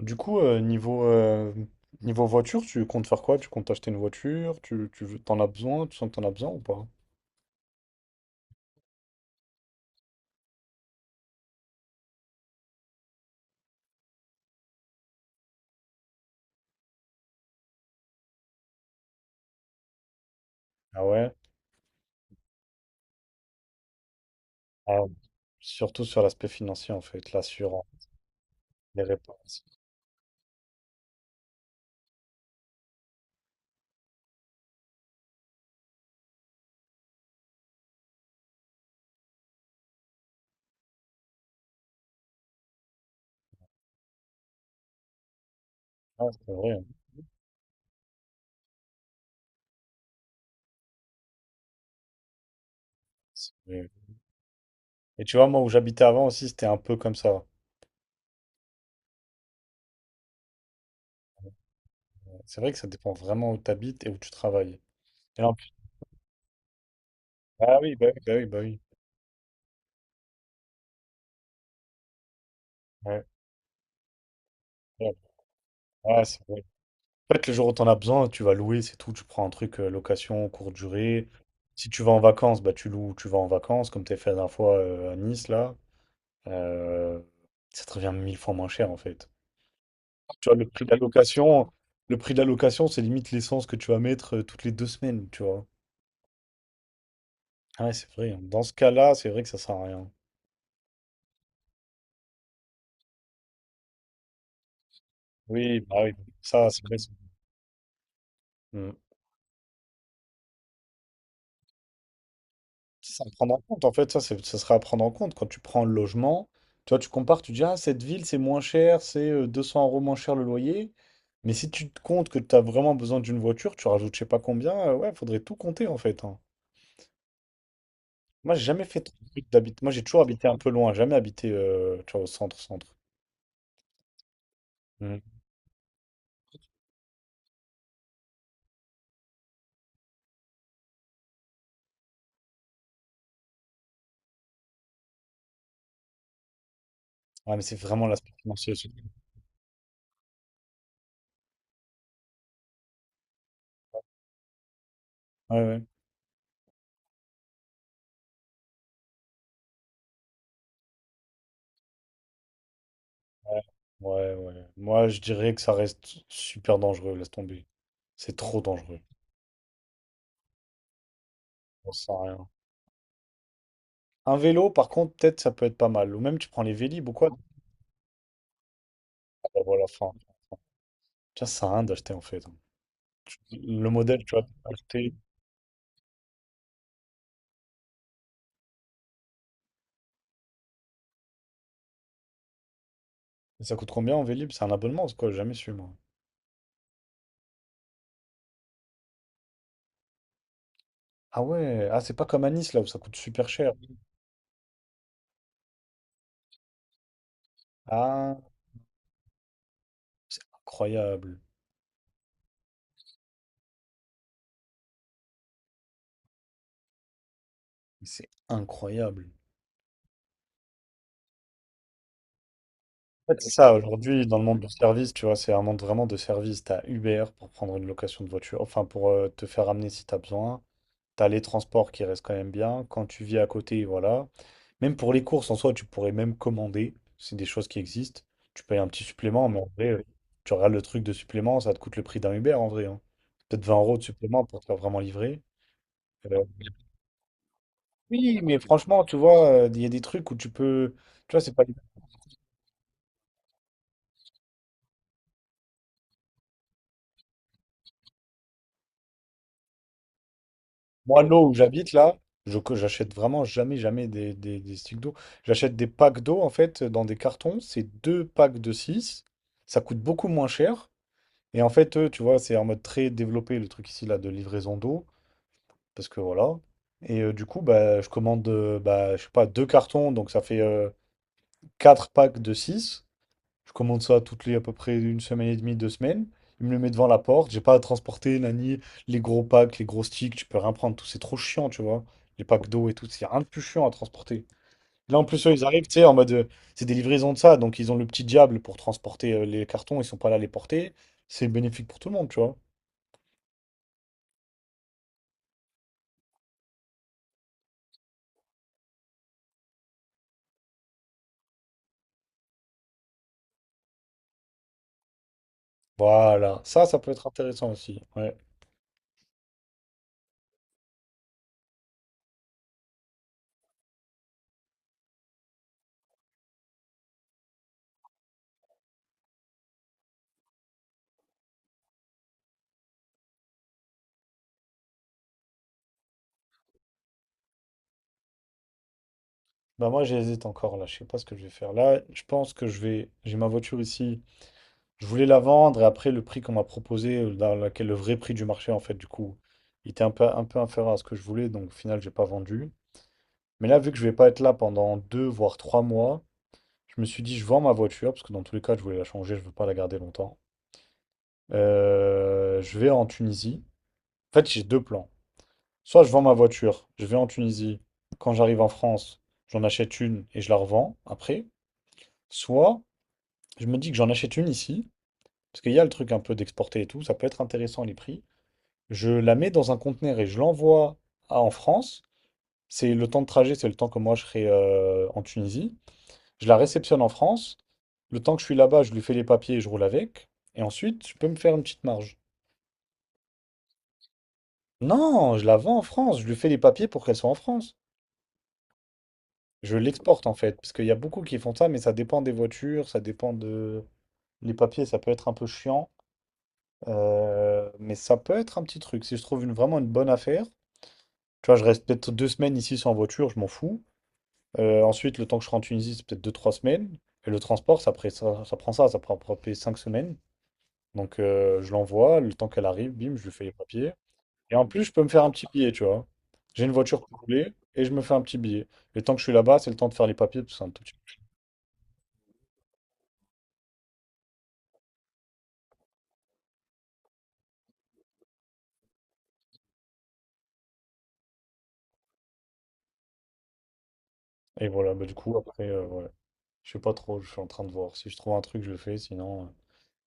Du coup, niveau voiture, tu comptes faire quoi? Tu comptes acheter une voiture? T'en as besoin? Tu sens que t'en as besoin ou pas? Ah ouais? Ah, surtout sur l'aspect financier, en fait, l'assurance, les réparations. Ah, c'est vrai, hein. C'est vrai. Et tu vois, moi, où j'habitais avant aussi, c'était un peu comme ça. C'est vrai que ça dépend vraiment où tu habites et où tu travailles. Et en plus- Ah oui, bah oui, bah oui, bah oui. Ouais. Ouais. Ah, c'est vrai. En fait, le jour où t'en as besoin, tu vas louer, c'est tout. Tu prends un truc location, courte durée. Si tu vas en vacances, bah tu loues, tu vas en vacances, comme t'as fait la dernière fois à Nice, là. Euh, ça te revient 1000 fois moins cher, en fait. Tu vois, le prix de la location, le prix de la location, c'est limite l'essence que tu vas mettre toutes les 2 semaines, tu vois. Ah ouais, c'est vrai, hein. Dans ce cas-là, c'est vrai que ça sert à rien. Oui, bah oui, ça, c'est vrai, ça. Mm. C'est à prendre en compte, en fait, ça sera à prendre en compte quand tu prends le logement. Tu vois, tu compares, tu dis, ah, cette ville, c'est moins cher, c'est 200 € moins cher le loyer. Mais si tu te comptes que tu as vraiment besoin d'une voiture, tu rajoutes je sais pas combien, ouais, faudrait tout compter, en fait, hein. Moi, j'ai jamais fait d'habiter. Moi, j'ai toujours habité un peu loin, jamais habité, tu vois, au centre, centre. Mhm. Ouais, mais c'est vraiment l'aspect financier aussi. Ouais, ouais. Ouais, ouais, ouais. Moi, je dirais que ça reste super dangereux, laisse tomber. C'est trop dangereux. On sent rien. Un vélo, par contre, peut-être ça peut être pas mal. Ou même tu prends les Vélib ou quoi. Ah, voilà, enfin, tiens, ça sert à rien d'acheter en fait. Le modèle, tu vois, acheter. Ça coûte combien en Vélib? C'est un abonnement, c'est quoi? J'ai jamais su, moi. Ah ouais, ah, c'est pas comme à Nice là où ça coûte super cher. Ah, c'est incroyable. C'est incroyable. En fait, c'est ça, aujourd'hui, dans le monde du service, tu vois, c'est un monde vraiment de service. T'as Uber pour prendre une location de voiture, enfin, pour te faire amener si t'as besoin. T'as les transports qui restent quand même bien. Quand tu vis à côté, voilà. Même pour les courses, en soi, tu pourrais même commander. C'est des choses qui existent. Tu payes un petit supplément, mais en vrai, tu regardes le truc de supplément, ça te coûte le prix d'un Uber en vrai, hein. Peut-être 20 € de supplément pour te faire vraiment livrer. Euh, oui, mais franchement, tu vois, il y a des trucs où tu peux. Tu vois, c'est pas. Moi, l'eau où j'habite là, j'achète vraiment jamais, jamais des sticks d'eau. J'achète des packs d'eau en fait dans des cartons. C'est 2 packs de six. Ça coûte beaucoup moins cher. Et en fait, eux, tu vois, c'est en mode très développé le truc ici là de livraison d'eau, parce que voilà. Et du coup, bah, je commande, bah, je sais pas, 2 cartons, donc ça fait 4 packs de 6. Je commande ça toutes les à peu près 1 semaine et demie, 2 semaines. Ils me le mettent devant la porte. J'ai pas à transporter, nani, les gros packs, les gros sticks, tu peux rien prendre, tout c'est trop chiant, tu vois. Les packs d'eau et tout, c'est rien de plus chiant à transporter. Là, en plus, eux, ils arrivent, tu sais, en mode, c'est des livraisons de ça, donc ils ont le petit diable pour transporter les cartons, ils sont pas là à les porter. C'est bénéfique pour tout le monde, tu vois. Voilà, ça peut être intéressant aussi. Ouais. Bah moi, j'hésite encore là. Je sais pas ce que je vais faire là. Je pense que je vais. J'ai ma voiture ici. Je voulais la vendre et après le prix qu'on m'a proposé, dans laquelle le vrai prix du marché en fait, du coup, il était un peu inférieur à ce que je voulais. Donc au final, j'ai pas vendu. Mais là, vu que je vais pas être là pendant 2 voire 3 mois, je me suis dit, je vends ma voiture parce que dans tous les cas, je voulais la changer. Je veux pas la garder longtemps. Je vais en Tunisie. En fait, j'ai deux plans. Soit je vends ma voiture, je vais en Tunisie, quand j'arrive en France, j'en achète une et je la revends après. Soit je me dis que j'en achète une ici, parce qu'il y a le truc un peu d'exporter et tout, ça peut être intéressant les prix. Je la mets dans un conteneur et je l'envoie en France. C'est le temps de trajet, c'est le temps que moi je serai en Tunisie. Je la réceptionne en France. Le temps que je suis là-bas, je lui fais les papiers et je roule avec. Et ensuite, je peux me faire une petite marge. Non, je la vends en France, je lui fais les papiers pour qu'elle soit en France. Je l'exporte en fait, parce qu'il y a beaucoup qui font ça, mais ça dépend des voitures, ça dépend de... Les papiers, ça peut être un peu chiant, mais ça peut être un petit truc. Si je trouve vraiment une bonne affaire, tu vois, je reste peut-être 2 semaines ici sans voiture, je m'en fous. Ensuite, le temps que je rentre en Tunisie, c'est peut-être 2, 3 semaines. Et le transport, ça prend à peu près 5 semaines. Donc je l'envoie, le temps qu'elle arrive, bim, je lui fais les papiers. Et en plus, je peux me faire un petit billet, tu vois. J'ai une voiture pour rouler et je me fais un petit billet. Le temps que je suis là-bas, c'est le temps de faire les papiers, parce que c'est un tout petit peu. Et voilà, bah, du coup, après, ouais. Je sais pas trop, je suis en train de voir. Si je trouve un truc, je le fais, sinon.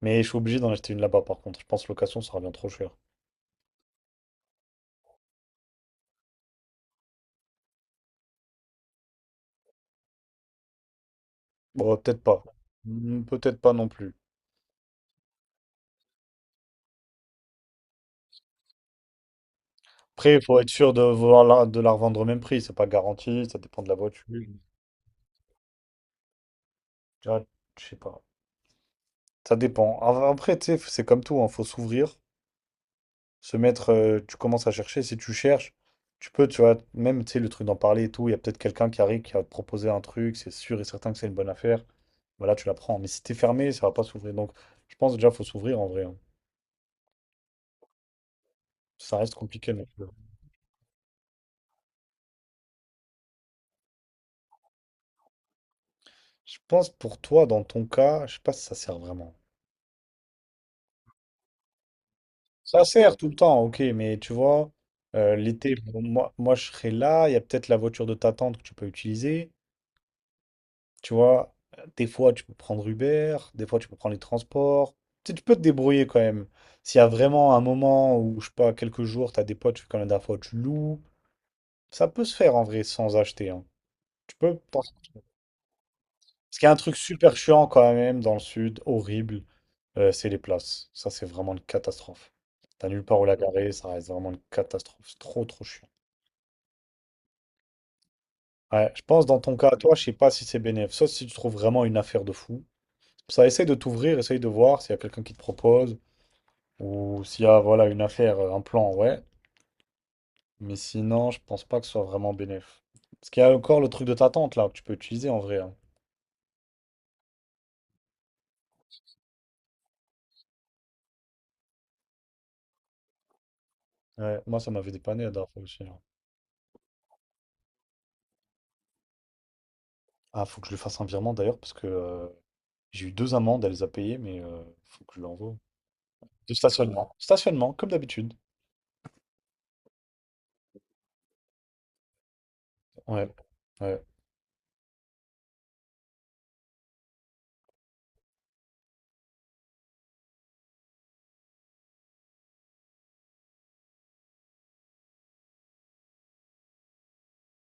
Mais je suis obligé d'en acheter une là-bas, par contre. Je pense location, ça revient trop cher. Bon, peut-être pas. Peut-être pas non plus. Après, il faut être sûr de vouloir de la revendre au même prix. C'est pas garanti, ça dépend de la voiture. Tu vois, je sais pas. Ça dépend. Après, tu sais, c'est comme tout, hein, faut s'ouvrir, se mettre, tu commences à chercher, si tu cherches, tu peux, tu vois, même, tu sais, le truc d'en parler et tout, il y a peut-être quelqu'un qui arrive, qui va te proposer un truc, c'est sûr et certain que c'est une bonne affaire, voilà, tu la prends. Mais si t'es fermé, ça va pas s'ouvrir. Donc, je pense déjà, faut s'ouvrir en vrai, hein. Ça reste compliqué. Je pense pour toi, dans ton cas, je sais pas si ça sert vraiment. Ça sert tout le temps, ok, mais tu vois, l'été, bon, moi, je serai là, il y a peut-être la voiture de ta tante que tu peux utiliser. Tu vois, des fois, tu peux prendre Uber, des fois, tu peux prendre les transports. Tu sais, tu peux te débrouiller quand même. S'il y a vraiment un moment où, je sais pas, quelques jours, tu as des potes, tu fais comme la dernière fois, tu loues. Ça peut se faire en vrai sans acheter, hein. Tu peux. Parce qu'il y a un truc super chiant quand même dans le sud, horrible, c'est les places. Ça, c'est vraiment une catastrophe. T'as nulle part où la garer, ça reste vraiment une catastrophe. C'est trop, trop chiant. Ouais, je pense dans ton cas, toi, je sais pas si c'est bénéf, sauf si tu trouves vraiment une affaire de fou. Ça, essaye de t'ouvrir, essaye de voir s'il y a quelqu'un qui te propose. Ou s'il y a voilà, une affaire, un plan, ouais. Mais sinon, je pense pas que ce soit vraiment bénéf. Parce qu'il y a encore le truc de ta tante là, que tu peux utiliser en vrai, hein. Ouais, moi, ça m'avait dépanné la dernière fois aussi, hein. Ah, faut que je lui fasse un virement d'ailleurs, parce que j'ai eu 2 amendes, elle les a payées, mais faut que je l'envoie. De stationnement. Stationnement, comme d'habitude. Ouais. Ouais.